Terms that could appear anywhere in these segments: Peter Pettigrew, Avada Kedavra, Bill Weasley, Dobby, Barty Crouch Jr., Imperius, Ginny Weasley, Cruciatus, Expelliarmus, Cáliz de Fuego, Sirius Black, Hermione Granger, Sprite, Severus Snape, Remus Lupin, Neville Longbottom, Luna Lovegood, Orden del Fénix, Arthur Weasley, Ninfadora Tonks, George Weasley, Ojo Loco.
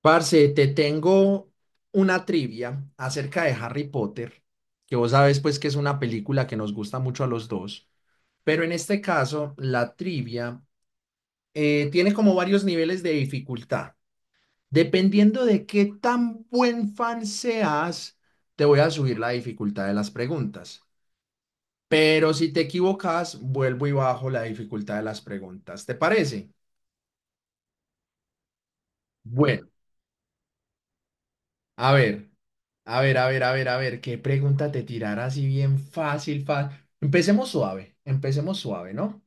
Parce, te tengo una trivia acerca de Harry Potter, que vos sabes pues que es una película que nos gusta mucho a los dos, pero en este caso la trivia tiene como varios niveles de dificultad. Dependiendo de qué tan buen fan seas, te voy a subir la dificultad de las preguntas. Pero si te equivocas, vuelvo y bajo la dificultad de las preguntas. ¿Te parece? Bueno, a ver. A ver, a ver, a ver, a ver, qué pregunta te tirará así bien fácil, fácil. Empecemos suave, ¿no?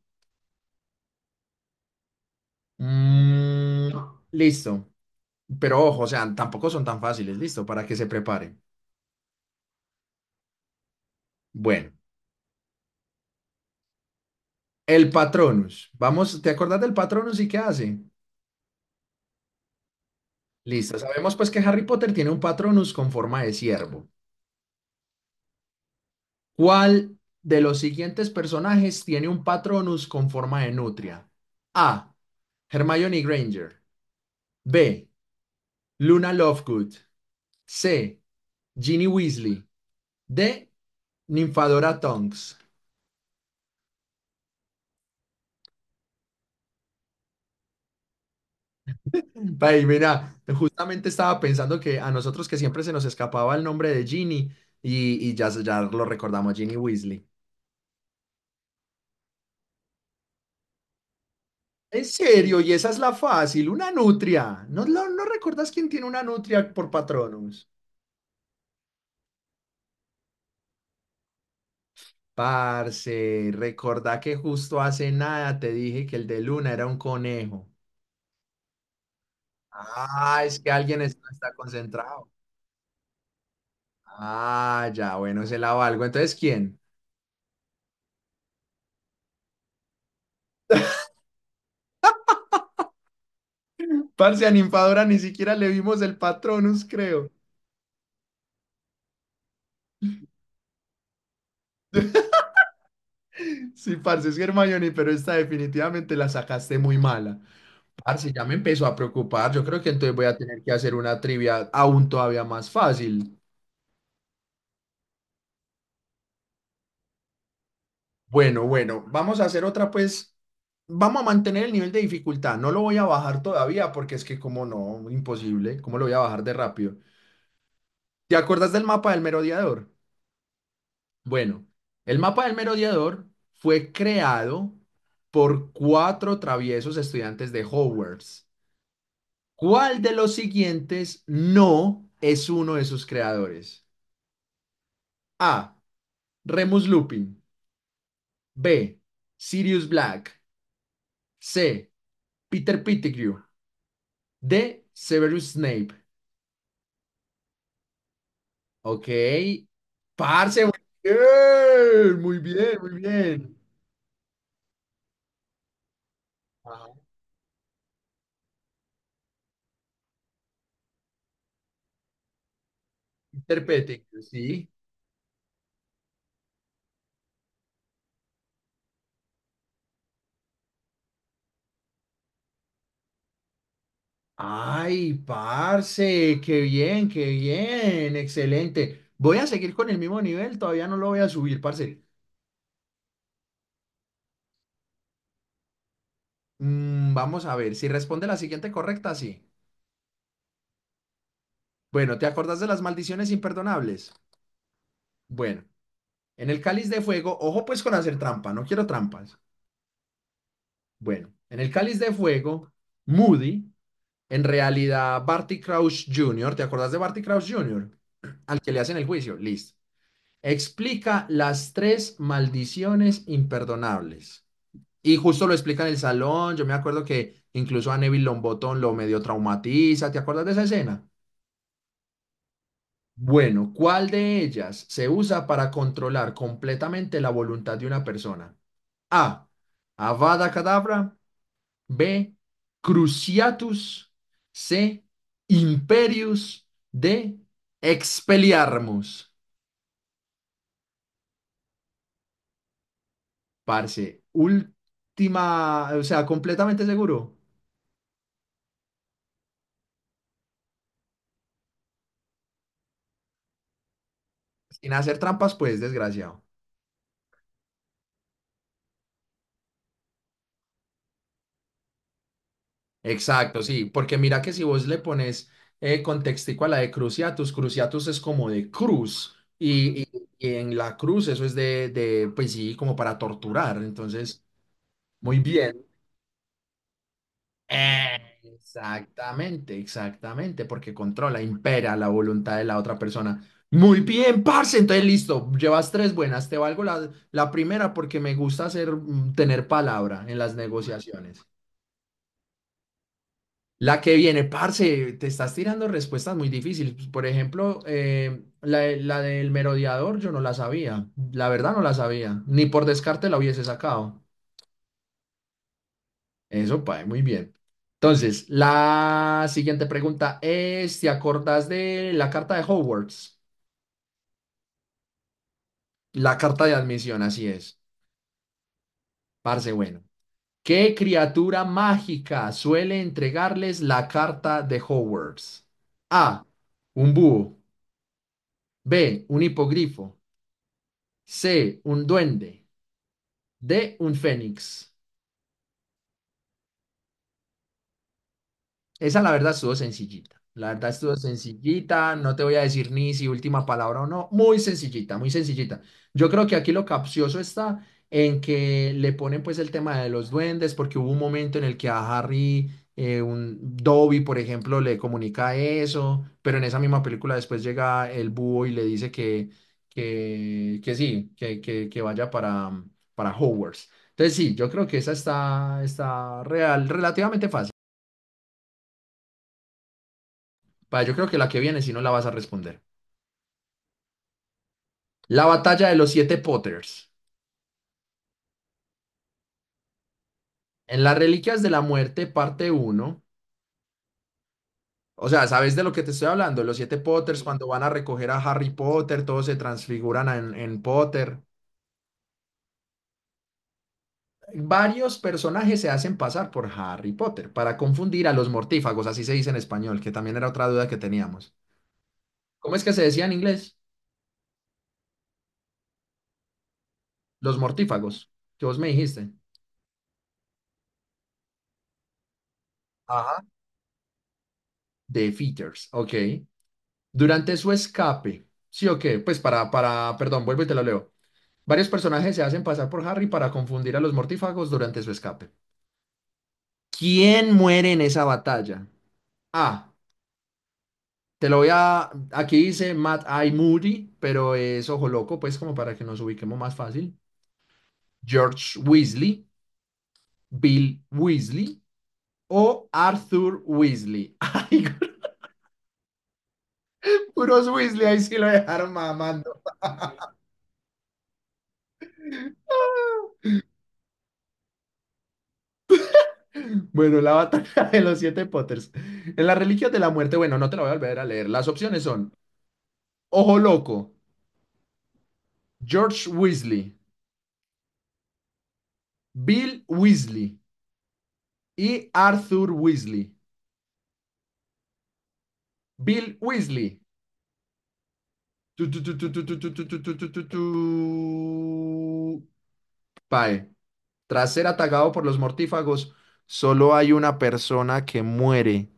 Mm, listo. Pero ojo, o sea, tampoco son tan fáciles, listo, para que se preparen. Bueno, el Patronus. Vamos, ¿te acordás del Patronus y qué hace? Listo, sabemos pues que Harry Potter tiene un Patronus con forma de ciervo. ¿Cuál de los siguientes personajes tiene un Patronus con forma de nutria? A. Hermione Granger. B. Luna Lovegood. C. Ginny Weasley. D. Ninfadora Tonks. Ay, mira, justamente estaba pensando que a nosotros que siempre se nos escapaba el nombre de Ginny y, ya lo recordamos, Ginny Weasley. En serio, y esa es la fácil, una nutria. ¿No, no recuerdas quién tiene una nutria por Patronus? Parce, recordá que justo hace nada te dije que el de Luna era un conejo. Ah, es que alguien no está concentrado. Ah, ya, bueno, se la valgo. Entonces, ¿quién? Parce, a Ninfadora ni siquiera le vimos el Patronus, creo. Sí, parce, es Hermione, pero esta definitivamente la sacaste muy mala. Parce, ya me empezó a preocupar. Yo creo que entonces voy a tener que hacer una trivia aún todavía más fácil. Bueno, bueno, vamos a hacer otra, pues. Vamos a mantener el nivel de dificultad. No lo voy a bajar todavía porque es que, como no, imposible. ¿Cómo lo voy a bajar de rápido? ¿Te acuerdas del mapa del merodeador? Bueno, el mapa del merodeador fue creado por cuatro traviesos estudiantes de Hogwarts. ¿Cuál de los siguientes no es uno de sus creadores? A. Remus Lupin. B. Sirius Black. C. Peter Pettigrew. D. Severus Snape. Ok. Parce, muy bien, muy bien, muy bien. Ajá, Peter Pettigrew, sí. Ay, parce, qué bien, excelente. Voy a seguir con el mismo nivel, todavía no lo voy a subir, parce. Mm, vamos a ver, si responde la siguiente correcta, sí. Bueno, ¿te acordás de las maldiciones imperdonables? Bueno, en el cáliz de fuego, ojo pues con hacer trampa, no quiero trampas. Bueno, en el cáliz de fuego, Moody, en realidad Barty Crouch Jr., ¿te acordás de Barty Crouch Jr.? Al que le hacen el juicio, listo. Explica las tres maldiciones imperdonables. Y justo lo explica en el salón. Yo me acuerdo que incluso a Neville Longbottom lo medio traumatiza. ¿Te acuerdas de esa escena? Bueno, ¿cuál de ellas se usa para controlar completamente la voluntad de una persona? A. Avada Kedavra. B. Cruciatus. C. Imperius. D. Expelliarmus. Parce, última, o sea, completamente seguro. Sin hacer trampas, pues, desgraciado. Exacto, sí, porque mira que si vos le pones contextico a la de cruciatus, cruciatus es como de cruz, y en la cruz eso es de, pues sí, como para torturar, entonces, muy bien. Exactamente, exactamente, porque controla, impera la voluntad de la otra persona. Muy bien, parce, entonces listo, llevas tres buenas, te valgo la primera porque me gusta hacer, mm, tener palabra en las negociaciones. La que viene, parce, te estás tirando respuestas muy difíciles. Por ejemplo, la del merodeador yo no la sabía, la verdad no la sabía, ni por descarte la hubiese sacado. Eso, Pae, muy bien. Entonces, la siguiente pregunta es, ¿te acordás de la carta de Hogwarts? La carta de admisión, así es. Parce, bueno. ¿Qué criatura mágica suele entregarles la carta de Hogwarts? A, un búho. B, un hipogrifo. C, un duende. D, un fénix. Esa la verdad estuvo sencillita. La verdad estuvo sencillita. No te voy a decir ni si última palabra o no. Muy sencillita, muy sencillita. Yo creo que aquí lo capcioso está en que le ponen pues el tema de los duendes, porque hubo un momento en el que a Harry, un Dobby, por ejemplo, le comunica eso, pero en esa misma película después llega el búho y le dice que, que sí, que vaya para Hogwarts. Entonces sí, yo creo que esa está, está real, relativamente fácil. Pa, yo creo que la que viene, si no la vas a responder. La batalla de los siete Potters. En las Reliquias de la Muerte, parte uno. O sea, ¿sabes de lo que te estoy hablando? Los siete Potters, Sí. cuando van a recoger a Harry Potter, todos se transfiguran en Potter. Varios personajes se hacen pasar por Harry Potter para confundir a los mortífagos, así se dice en español, que también era otra duda que teníamos. ¿Cómo es que se decía en inglés? Los mortífagos, que vos me dijiste. Ajá. Defeaters, ok. Durante su escape, ¿sí o qué? Pues para, perdón, vuelvo y te lo leo. Varios personajes se hacen pasar por Harry para confundir a los mortífagos durante su escape. ¿Quién muere en esa batalla? Ah, te lo voy a... Aquí dice Matt I. Moody, pero es ojo loco, pues como para que nos ubiquemos más fácil. George Weasley, Bill Weasley o Arthur Weasley. Ay, puros Weasley, ahí sí lo dejaron mamando. Bueno, la batalla de los siete Potters. En la religión de la muerte, bueno, no te la voy a volver a leer. Las opciones son Ojo Loco, George Weasley, Bill Weasley y Arthur Weasley. Bill Weasley. Tu, tu, tu, tu, tu, tu, tu, tu, tu, tu, tu, tu, tu. Pae. Tras ser atacado por los mortífagos, solo hay una persona que muere.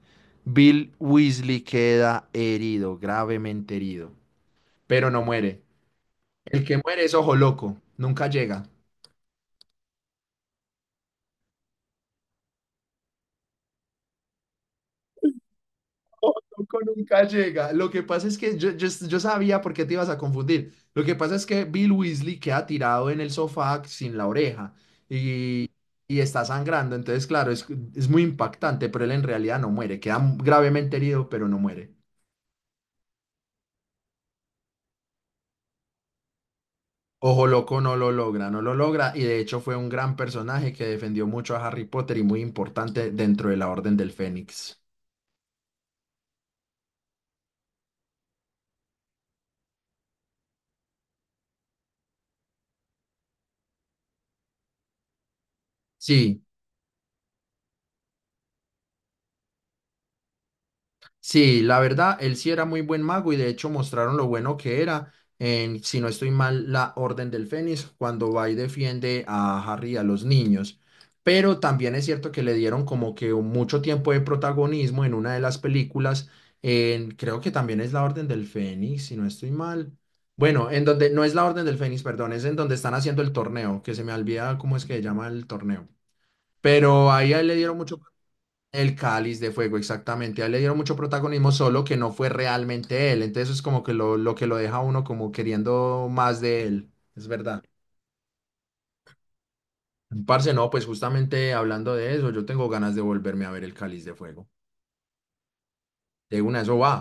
Bill Weasley queda herido, gravemente herido, pero no muere. El que muere es ojo loco, nunca llega. Loco nunca llega. Lo que pasa es que yo sabía por qué te ibas a confundir. Lo que pasa es que Bill Weasley queda tirado en el sofá sin la oreja y, y está sangrando. Entonces, claro, es muy impactante, pero él en realidad no muere. Queda gravemente herido, pero no muere. Ojo Loco no lo logra, no lo logra. Y de hecho fue un gran personaje que defendió mucho a Harry Potter y muy importante dentro de la Orden del Fénix. Sí. Sí, la verdad, él sí era muy buen mago y de hecho mostraron lo bueno que era en, si no estoy mal, la Orden del Fénix cuando va y defiende a Harry y a los niños. Pero también es cierto que le dieron como que mucho tiempo de protagonismo en una de las películas, en, creo que también es la Orden del Fénix, si no estoy mal. Bueno, en donde, no es la Orden del Fénix, perdón, es en donde están haciendo el torneo, que se me olvida cómo es que se llama el torneo. Pero ahí a él le dieron mucho el Cáliz de Fuego, exactamente. A él le dieron mucho protagonismo, solo que no fue realmente él. Entonces es como que lo que lo deja a uno como queriendo más de él. Es verdad. Parce, no, pues justamente hablando de eso, yo tengo ganas de volverme a ver el Cáliz de Fuego. De una, eso va.